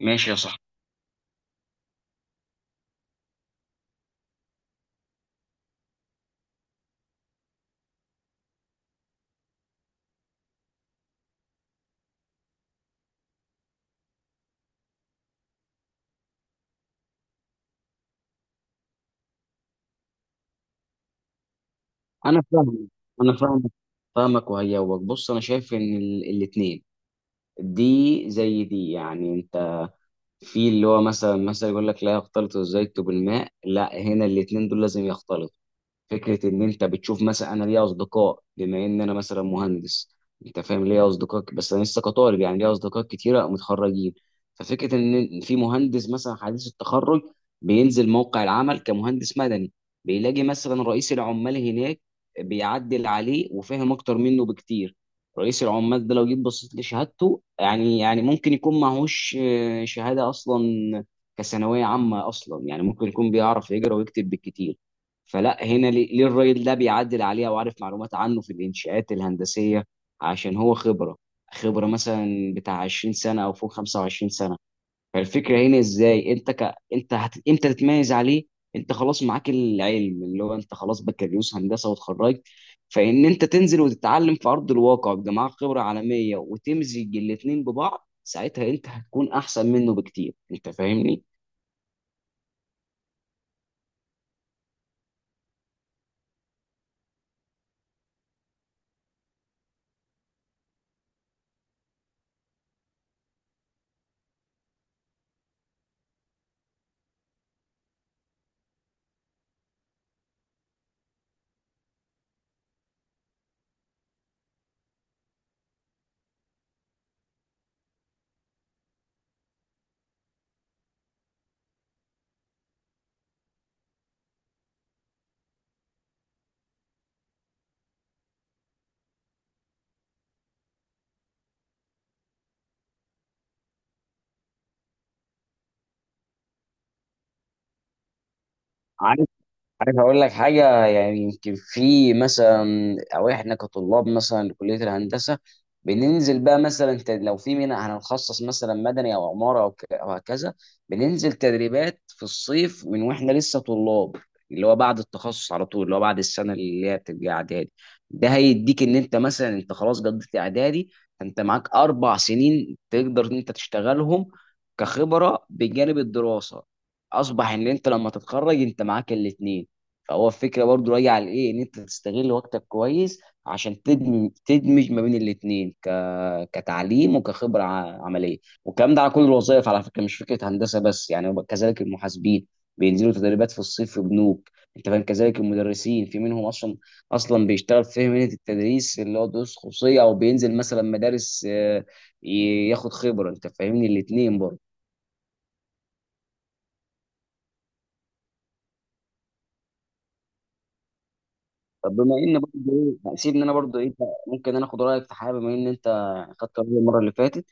ماشي يا صاحبي. انا فاهمك انا فاهمك. وهيوك، بص، انا شايف ان الاتنين دي زي دي، يعني انت في اللي هو مثلا يقول لك لا يختلط الزيت بالماء، لا، هنا الاتنين دول لازم يختلطوا. فكره ان انت بتشوف، مثلا انا ليا اصدقاء، بما ان انا مثلا مهندس، انت فاهم، ليا اصدقاء، بس انا لسه كطالب، يعني ليا اصدقاء كتيره متخرجين. ففكره ان في مهندس مثلا حديث التخرج، بينزل موقع العمل كمهندس مدني، بيلاقي مثلا رئيس العمال هناك بيعدل عليه وفاهم اكتر منه بكتير. رئيس العمال ده لو جيت بصيت لشهادته، يعني ممكن يكون معهوش شهاده اصلا، كثانويه عامه اصلا، يعني ممكن يكون بيعرف يقرا ويكتب بالكتير. فلا، هنا ليه الراجل ده بيعدل عليها وعارف معلومات عنه في الانشاءات الهندسيه؟ عشان هو خبره مثلا بتاع 20 سنه او فوق 25 سنه. فالفكره هنا ازاي انت امتى تتميز عليه؟ انت خلاص معاك العلم، اللي هو انت خلاص بكالوريوس هندسه واتخرجت، فان انت تنزل وتتعلم في ارض الواقع، بيبقى معاك خبره عالميه، وتمزج الاتنين ببعض، ساعتها انت هتكون احسن منه بكتير. انت فاهمني؟ عارف اقول لك حاجه، يعني يمكن في مثلا، او احنا كطلاب مثلا لكليه الهندسه، بننزل بقى مثلا لو في منها هنخصص مثلا مدني او عماره او أو هكذا، بننزل تدريبات في الصيف من واحنا لسه طلاب، اللي هو بعد التخصص على طول، اللي هو بعد السنه اللي هي بتبقى اعدادي. ده هيديك ان انت مثلا انت خلاص قضيت اعدادي، انت معاك اربع سنين تقدر ان انت تشتغلهم كخبره بجانب الدراسه. اصبح ان انت لما تتخرج انت معاك الاثنين. فهو الفكره برضو راجع لايه، ان انت تستغل وقتك كويس عشان تدمج، ما بين الاثنين كتعليم وكخبره عمليه. والكلام ده على كل الوظائف على فكره، مش فكره هندسه بس، يعني كذلك المحاسبين بينزلوا تدريبات في الصيف في بنوك، انت فاهم، كذلك المدرسين في منهم اصلا اصلا بيشتغل في مهنه التدريس اللي هو دروس خصوصيه، او بينزل مثلا مدارس، ياخد خبره. انت فاهمني؟ الاثنين برضه. طب بما ان برضه ايه، يعني سيبني انا برضه ايه، ممكن انا اخد رايك في حاجه بما ان انت خدت رايي المره اللي فاتت؟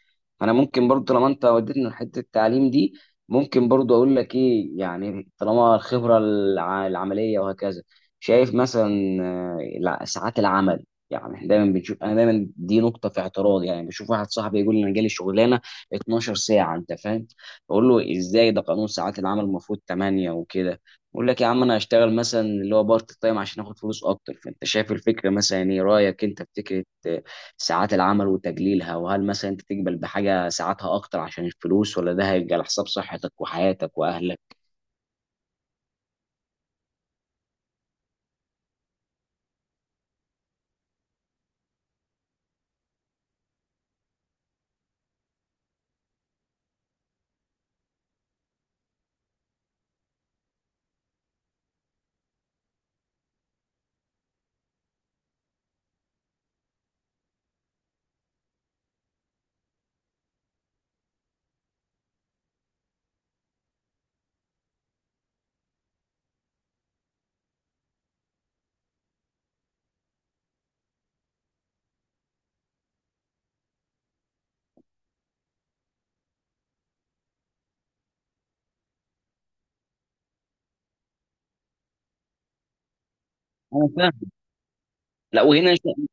انا ممكن برضه طالما انت وديتني لحته التعليم دي، ممكن برضه اقول لك ايه، يعني طالما الخبره العمليه وهكذا، شايف مثلا ساعات العمل، يعني احنا دايما بنشوف، انا دايما دي نقطه في اعتراض، يعني بشوف واحد صاحبي يقول لي انا جالي شغلانه 12 ساعه، انت فاهم؟ اقول له ازاي؟ ده قانون ساعات العمل المفروض 8 وكده. بقول لك يا عم انا هشتغل مثلا اللي هو بارت تايم عشان اخد فلوس اكتر. فانت شايف الفكره مثلا؟ ايه رايك انت في فكره ساعات العمل وتقليلها؟ وهل مثلا انت تقبل بحاجه ساعاتها اكتر عشان الفلوس، ولا ده هيبقى على حساب صحتك وحياتك واهلك؟ انا فاهم. لا، وهنا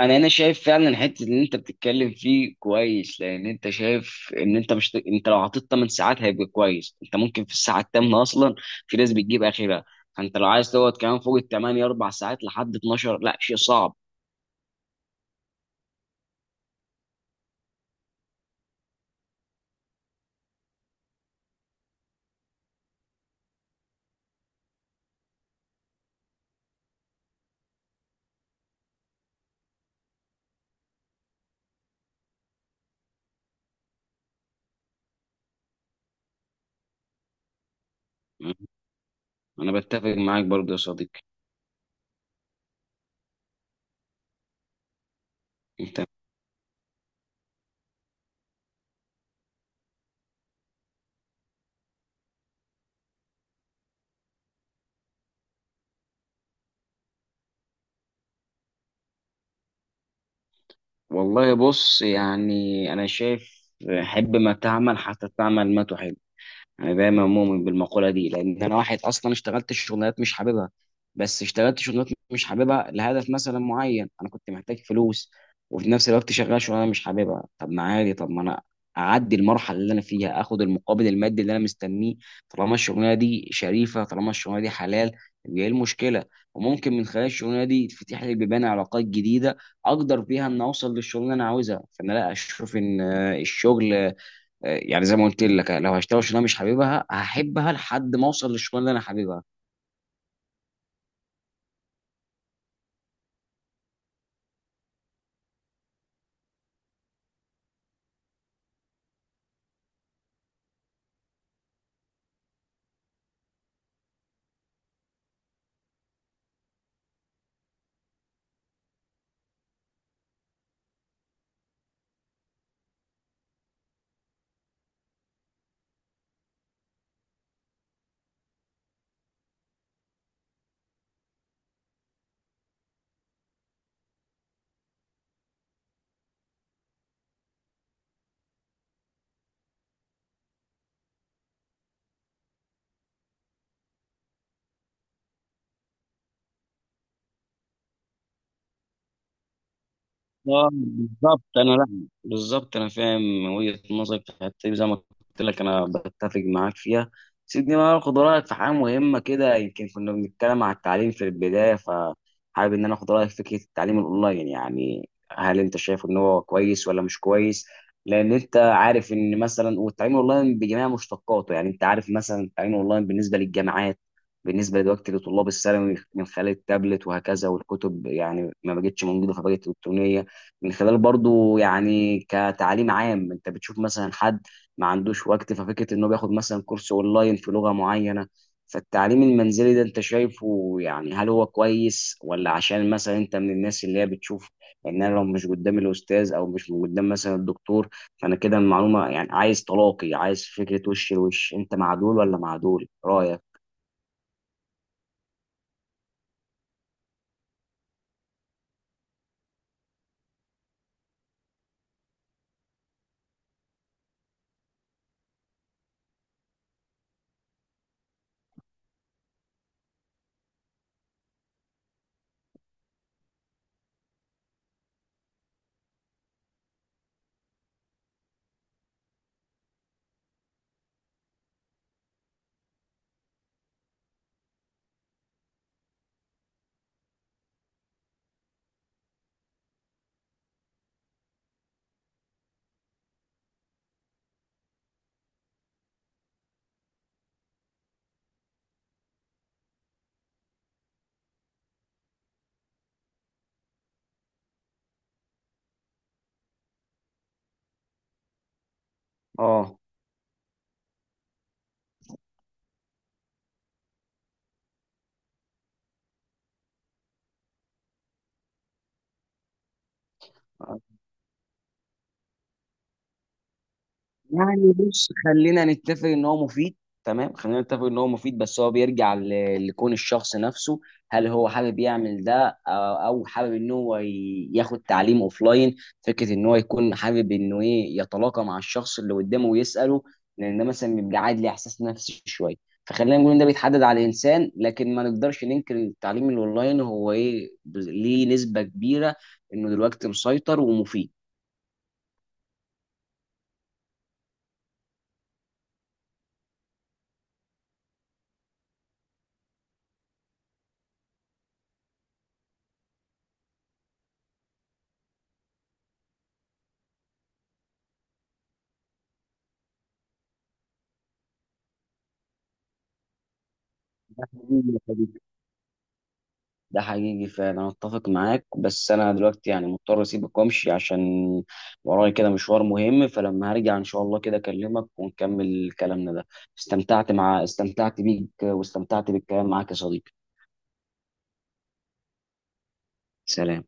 انا هنا شايف فعلا حته اللي انت بتتكلم فيه كويس، لان انت شايف ان انت مش، انت لو عطيت 8 ساعات هيبقى كويس، انت ممكن في الساعه الثامنه اصلا، في ناس بتجيب اخرها. فانت لو عايز تقعد كمان فوق الثمانية اربع ساعات لحد 12، لا، شيء صعب. انا بتفق معاك برضه يا صديقي. انت والله، بص يعني انا شايف، حب ما تعمل حتى تعمل ما تحب. انا دايما مؤمن بالمقوله دي، لان انا واحد اصلا اشتغلت شغلانات مش حاببها، بس اشتغلت شغلانات مش حاببها لهدف مثلا معين، انا كنت محتاج فلوس، وفي نفس الوقت شغال شغلانه مش حاببها. طب ما عادي، طب ما انا اعدي المرحله اللي انا فيها، اخد المقابل المادي اللي انا مستنيه. طالما الشغلانه دي شريفه، طالما الشغلانه دي حلال، يبقى ايه المشكله؟ وممكن من خلال الشغلانه دي تفتح لي بيبان علاقات جديده اقدر بيها ان اوصل للشغلانه اللي انا عاوزها. فانا لا اشوف ان الشغل، يعني زي ما قلت لك، لو هشتغل شغلانه مش حاببها هحبها لحد ما اوصل للشغلانه اللي انا حاببها. اه، بالظبط، انا لا، بالظبط انا فاهم وجهه نظرك في الحته دي، زي ما قلت لك انا بتفق معاك فيها. سيبني بقى اخد رايك في حاجه مهمه كده. يمكن كنا بنتكلم على التعليم في البدايه، فحابب ان انا اخد رايك في فكره التعليم الاونلاين، يعني هل انت شايف ان هو كويس ولا مش كويس؟ لان انت عارف ان مثلا، والتعليم الاونلاين بجميع مشتقاته يعني، انت عارف مثلا التعليم الاونلاين بالنسبه للجامعات، بالنسبه دلوقتي لطلاب الثانوي من خلال التابلت وهكذا، والكتب يعني ما بقتش موجوده فبقت الكترونيه، من خلال برضو يعني كتعليم عام، انت بتشوف مثلا حد ما عندوش وقت، ففكره انه بياخد مثلا كورس اونلاين في لغه معينه. فالتعليم المنزلي ده انت شايفه يعني هل هو كويس؟ ولا عشان مثلا انت من الناس اللي هي بتشوف ان انا لو مش قدام الاستاذ او مش قدام مثلا الدكتور فانا كده المعلومه، يعني عايز تلاقي، عايز فكره، وش لوش، انت مع دول ولا مع دول؟ رايك؟ اه، يعني بص، خلينا نتفق ان هو مفيد، تمام، خلينا نتفق ان هو مفيد، بس هو بيرجع لكون الشخص نفسه، هل هو حابب يعمل ده او حابب ان هو ياخد تعليم اوفلاين. فكره ان هو يكون حابب انه ايه، يتلاقى مع الشخص اللي قدامه ويساله، لان ده مثلا بيبقى قاعد ليه احساس نفسي شويه. فخلينا نقول ان ده بيتحدد على الانسان، لكن ما نقدرش ننكر إن التعليم الاونلاين هو ايه ليه نسبه كبيره انه دلوقتي مسيطر ومفيد. ده حقيقي فعلا، انا اتفق معاك. بس انا دلوقتي يعني مضطر اسيبك وامشي عشان ورايا كده مشوار مهم. فلما هرجع ان شاء الله كده اكلمك ونكمل كلامنا ده. استمتعت بيك واستمتعت بالكلام معاك يا صديقي. سلام.